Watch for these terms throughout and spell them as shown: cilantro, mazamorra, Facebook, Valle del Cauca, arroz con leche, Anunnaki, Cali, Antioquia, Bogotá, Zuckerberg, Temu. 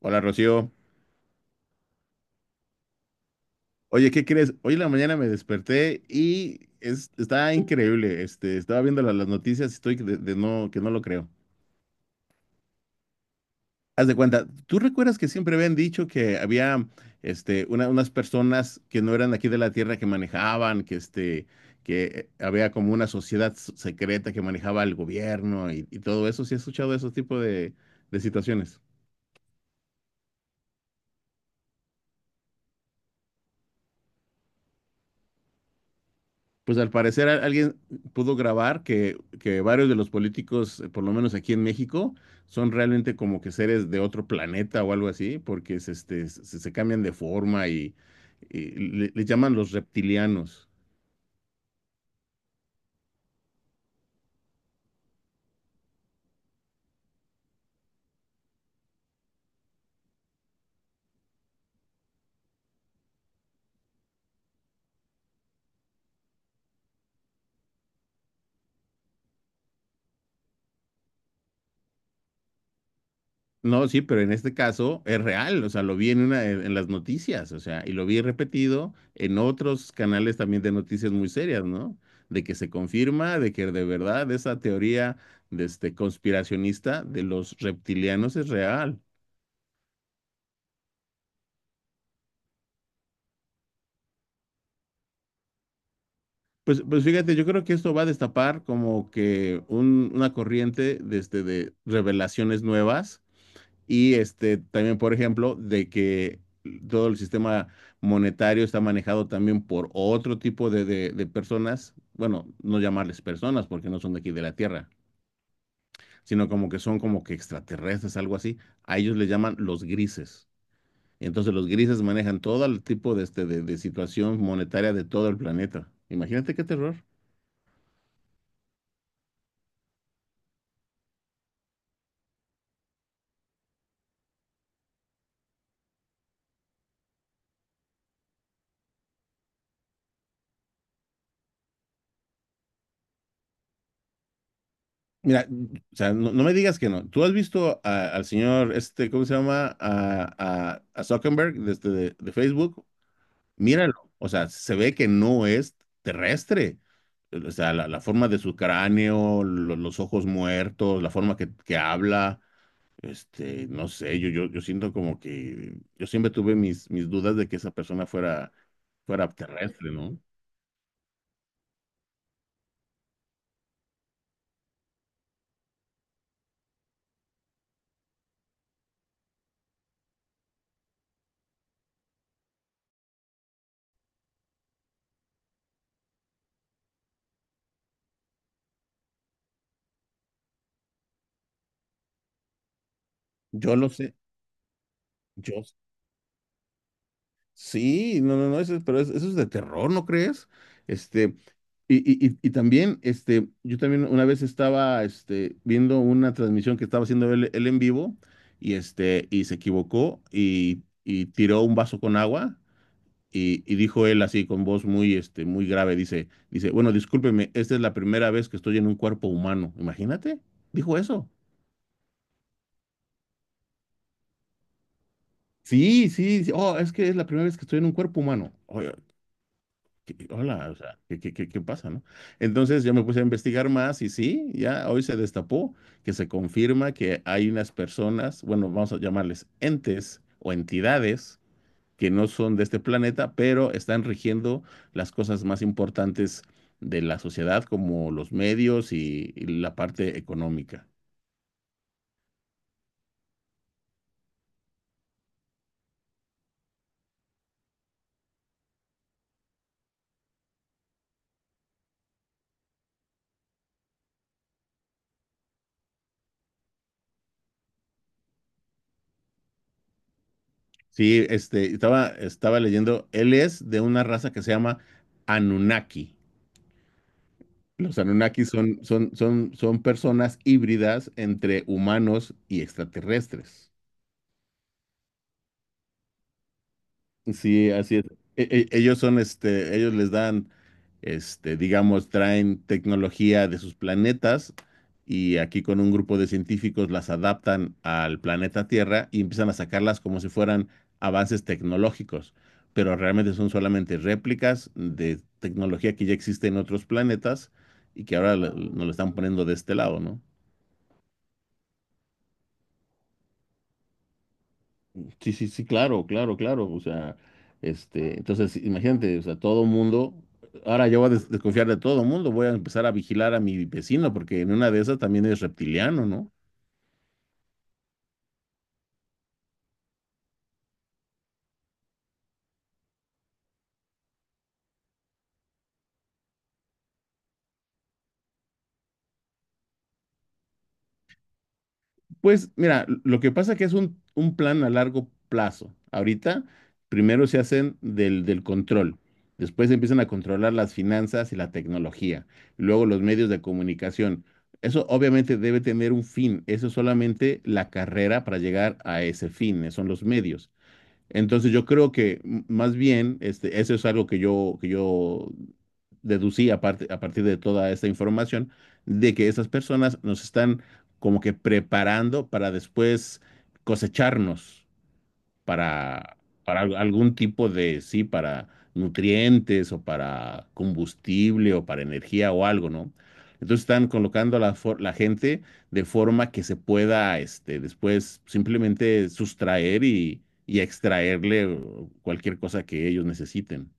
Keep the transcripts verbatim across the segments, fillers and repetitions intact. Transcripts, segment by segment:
Hola, Rocío. Oye, ¿qué crees? Hoy en la mañana me desperté y es, está increíble. Este, estaba viendo la- las noticias y estoy de, de no, que no lo creo. Haz de cuenta, ¿tú recuerdas que siempre habían dicho que había este, una- unas personas que no eran aquí de la Tierra que manejaban, que, este, que había como una sociedad s- secreta que manejaba el gobierno y, y todo eso? ¿Sí has escuchado de esos tipos de, de situaciones? Pues al parecer a- alguien pudo grabar que, que varios de los políticos, eh, por lo menos aquí en México, son realmente como que seres de otro planeta o algo así, porque se, este, se, se cambian de forma y, y le, les llaman los reptilianos. No, sí, pero en este caso es real, o sea, lo vi en una, en, en las noticias, o sea, y lo vi repetido en otros canales también de noticias muy serias, ¿no? De que se confirma, de que de verdad esa teoría de este, conspiracionista de los reptilianos es real. Pues, pues fíjate, yo creo que esto va a destapar como que un- una corriente de, este, de revelaciones nuevas y este, también, por ejemplo, de que todo el sistema monetario está manejado también por otro tipo de, de- de personas, bueno, no llamarles personas porque no son de aquí de la Tierra, sino como que son como que extraterrestres, algo así. A ellos les llaman los grises. Entonces los grises manejan todo el tipo de, este, de de situación monetaria de todo el planeta. Imagínate qué terror. Mira, o sea, no, no me digas que no. ¿Tú has visto a- al señor, este, ¿cómo se llama? A, a, a Zuckerberg desde de, de Facebook. Míralo. O sea, se ve que no es terrestre. O sea, la, la forma de su cráneo, lo- los ojos muertos, la forma que, que habla. Este, no sé, yo, yo, yo siento como que yo siempre tuve mis, mis dudas de que esa persona fuera, fuera terrestre, ¿no? Yo lo sé. Yo, sí, no, no, no, eso, es- pero es- eso es de terror, ¿no crees? Este, y, y, y y también, este, yo también una vez estaba, este, viendo una transmisión que estaba haciendo él, él en vivo y, este, y se equivocó y, y tiró un vaso con agua y, y dijo él así con voz muy, este, muy grave, dice, dice, bueno, discúlpeme, esta es la primera vez que estoy en un cuerpo humano, imagínate, dijo eso. Sí, sí, sí, oh, es que es la primera vez que estoy en un cuerpo humano. ¿Qué- hola, o sea, ¿qué, qué, qué, ¿qué pasa, no? Entonces yo me puse a investigar más y sí, ya hoy se destapó que se confirma que hay unas personas, bueno, vamos a llamarles entes o entidades que no son de este planeta, pero están rigiendo las cosas más importantes de la sociedad, como los medios y, y la parte económica. Sí, este, estaba, estaba leyendo, él es de una raza que se llama Anunnaki. Los Anunnakis son, son, son, son personas híbridas entre humanos y extraterrestres. Sí, así es. E- e- ellos son, este, ellos les dan, este, digamos, traen tecnología de sus planetas y aquí con un grupo de científicos las adaptan al planeta Tierra y empiezan a sacarlas como si fueran avances tecnológicos, pero realmente son solamente réplicas de tecnología que ya existe en otros planetas y que ahora lo- nos lo están poniendo de este lado, ¿no? Sí, sí, sí, claro, claro, claro. O sea, este, entonces, sí, imagínate, o sea, todo mundo, ahora yo voy a des- desconfiar de todo mundo, voy a empezar a vigilar a mi vecino, porque en una de esas también es reptiliano, ¿no? Pues mira, lo que pasa que es un, un plan a largo plazo. Ahorita, primero se hacen del, del control, después empiezan a controlar las finanzas y la tecnología, y luego los medios de comunicación. Eso obviamente debe tener un fin, eso es solamente la carrera para llegar a ese fin, son los medios. Entonces yo creo que m- más bien, este, eso es algo que yo, que yo deducí a, parte- a partir de toda esta información, de que esas personas nos están como que preparando para después cosecharnos para, para al- algún tipo de, sí, para nutrientes o para combustible o para energía o algo, ¿no? Entonces están colocando a la, for- la gente de forma que se pueda, este, después simplemente sustraer y, y extraerle uh, cualquier cosa que ellos necesiten.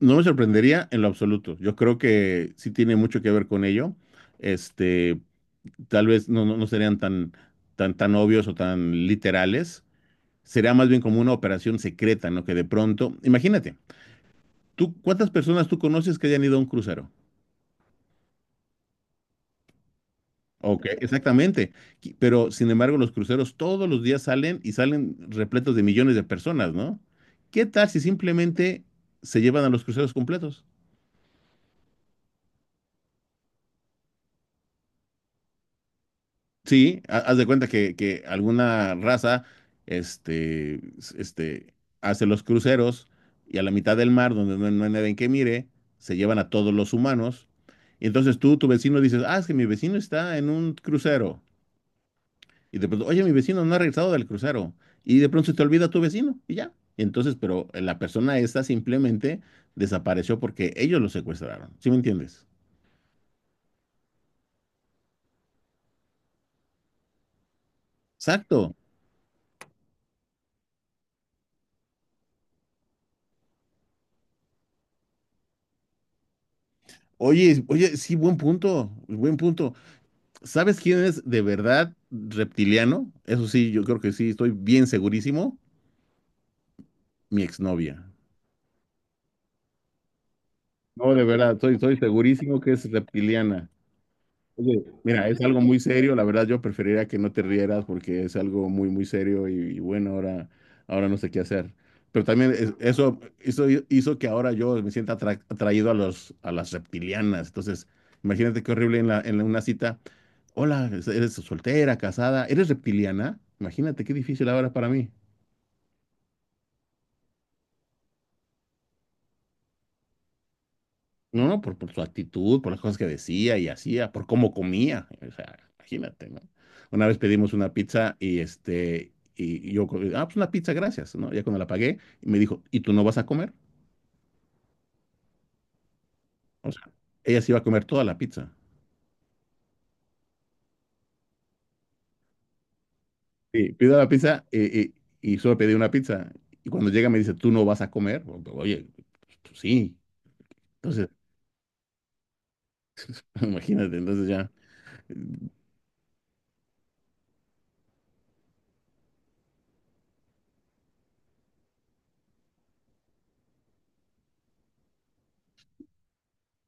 No me sorprendería en lo absoluto. Yo creo que sí tiene mucho que ver con ello. Este, Tal vez no, no, no serían tan, tan, tan obvios o tan literales. Será más bien como una operación secreta, ¿no? Que de pronto, imagínate, ¿tú cuántas personas tú conoces que hayan ido a un crucero? Ok, exactamente. Qui- Pero sin embargo, los cruceros todos los días salen y salen repletos de millones de personas, ¿no? ¿Qué tal si simplemente se llevan a los cruceros completos? Sí, ha- haz de cuenta que, que alguna raza este, s- este, hace los cruceros y a la mitad del mar, donde no, no hay nadie que mire, se llevan a todos los humanos. Y entonces tú, tu vecino, dices, ah, es que mi vecino está en un crucero. Y de pronto, oye, mi vecino no ha regresado del crucero. Y de pronto se te olvida tu vecino y ya. Y entonces, pero eh, la persona esta simplemente desapareció porque ellos lo secuestraron. ¿Sí me entiendes? Exacto. Oye, oye, sí, buen punto, buen punto. ¿Sabes quién es de verdad reptiliano? Eso sí, yo creo que sí, estoy bien segurísimo. Mi exnovia. No, de verdad, estoy, estoy segurísimo que es reptiliana. Oye, mira, es algo muy serio, la verdad yo preferiría que no te rieras porque es algo muy, muy serio y, y bueno, ahora, ahora no sé qué hacer. Pero también es- eso, eso hi- hizo que ahora yo me sienta atra- atraído a los, a las reptilianas. Entonces, imagínate qué horrible en la, en la- una cita. Hola, eres soltera, casada, eres reptiliana. Imagínate qué difícil ahora para mí. No, por, por su actitud, por las cosas que decía y hacía, por cómo comía. O sea, imagínate, ¿no? Una vez pedimos una pizza y este, y yo, co- ah, pues una pizza, gracias, ¿no? Ya cuando la pagué, me dijo, ¿y tú no vas a comer? O sea, ella se iba a comer toda la pizza. Y pido la pizza eh, eh, y, solo pedí una pizza. Y cuando llega me dice, ¿tú no vas a comer? O- Oye, pues, pues sí. Entonces, imagínate, entonces ya, eh,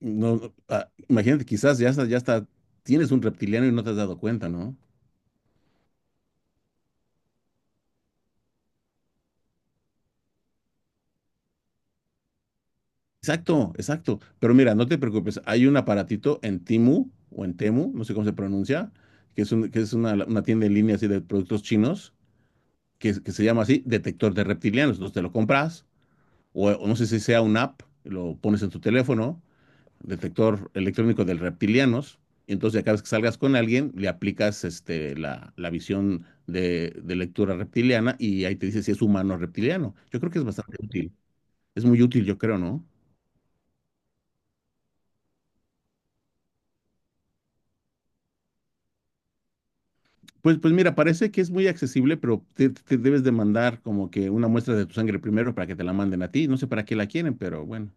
no, no, ah, imagínate, quizás ya está, ya está, tienes un reptiliano y no te has dado cuenta, ¿no? Exacto, exacto. Pero mira, no te preocupes, hay un aparatito en Timu o en Temu, no sé cómo se pronuncia, que es, un- que es una, una tienda en línea así de productos chinos, que, es- que se llama así, detector de reptilianos. Entonces te lo compras, o, o no sé si sea una app, lo pones en tu teléfono, detector electrónico de reptilianos, y entonces cada vez que salgas con alguien, le aplicas este, la, la visión de, de lectura reptiliana y ahí te dice si es humano o reptiliano. Yo creo que es bastante útil, es muy útil, yo creo, ¿no? Pues, pues mira, parece que es muy accesible, pero te, te debes de mandar como que una muestra de tu sangre primero para que te la manden a ti. No sé para qué la quieren, pero bueno.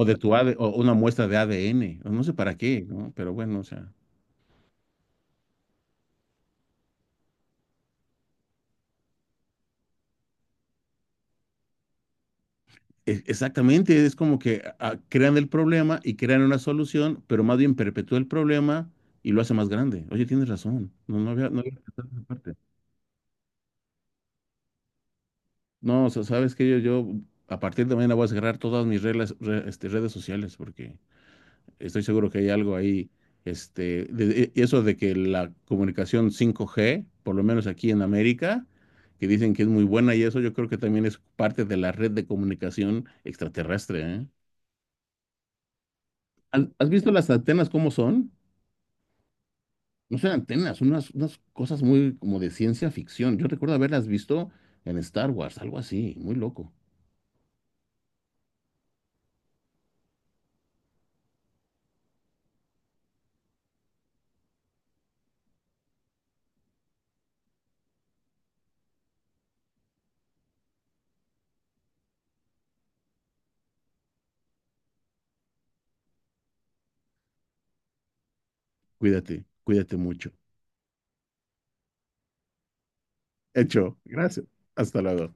O de tu A D, o una muestra de A D N, o no sé para qué, ¿no? Pero bueno, o sea. e- Exactamente, es como que ah, crean el problema y crean una solución, pero más bien perpetúa el problema y lo hace más grande. Oye, tienes razón. No, no había, no había pensado en esa parte. No, o sea, sabes que yo, yo a partir de mañana voy a cerrar todas mis reglas, re- este, redes sociales porque estoy seguro que hay algo ahí, este, de- de- eso de que la comunicación cinco G, por lo menos aquí en América, que dicen que es muy buena y eso yo creo que también es parte de la red de comunicación extraterrestre, ¿eh? ¿Has has visto las antenas cómo son? No son antenas, son unas, unas cosas muy como de ciencia ficción. Yo recuerdo haberlas visto en Star Wars, algo así, muy loco. Cuídate, cuídate mucho. Hecho, gracias. Hasta luego.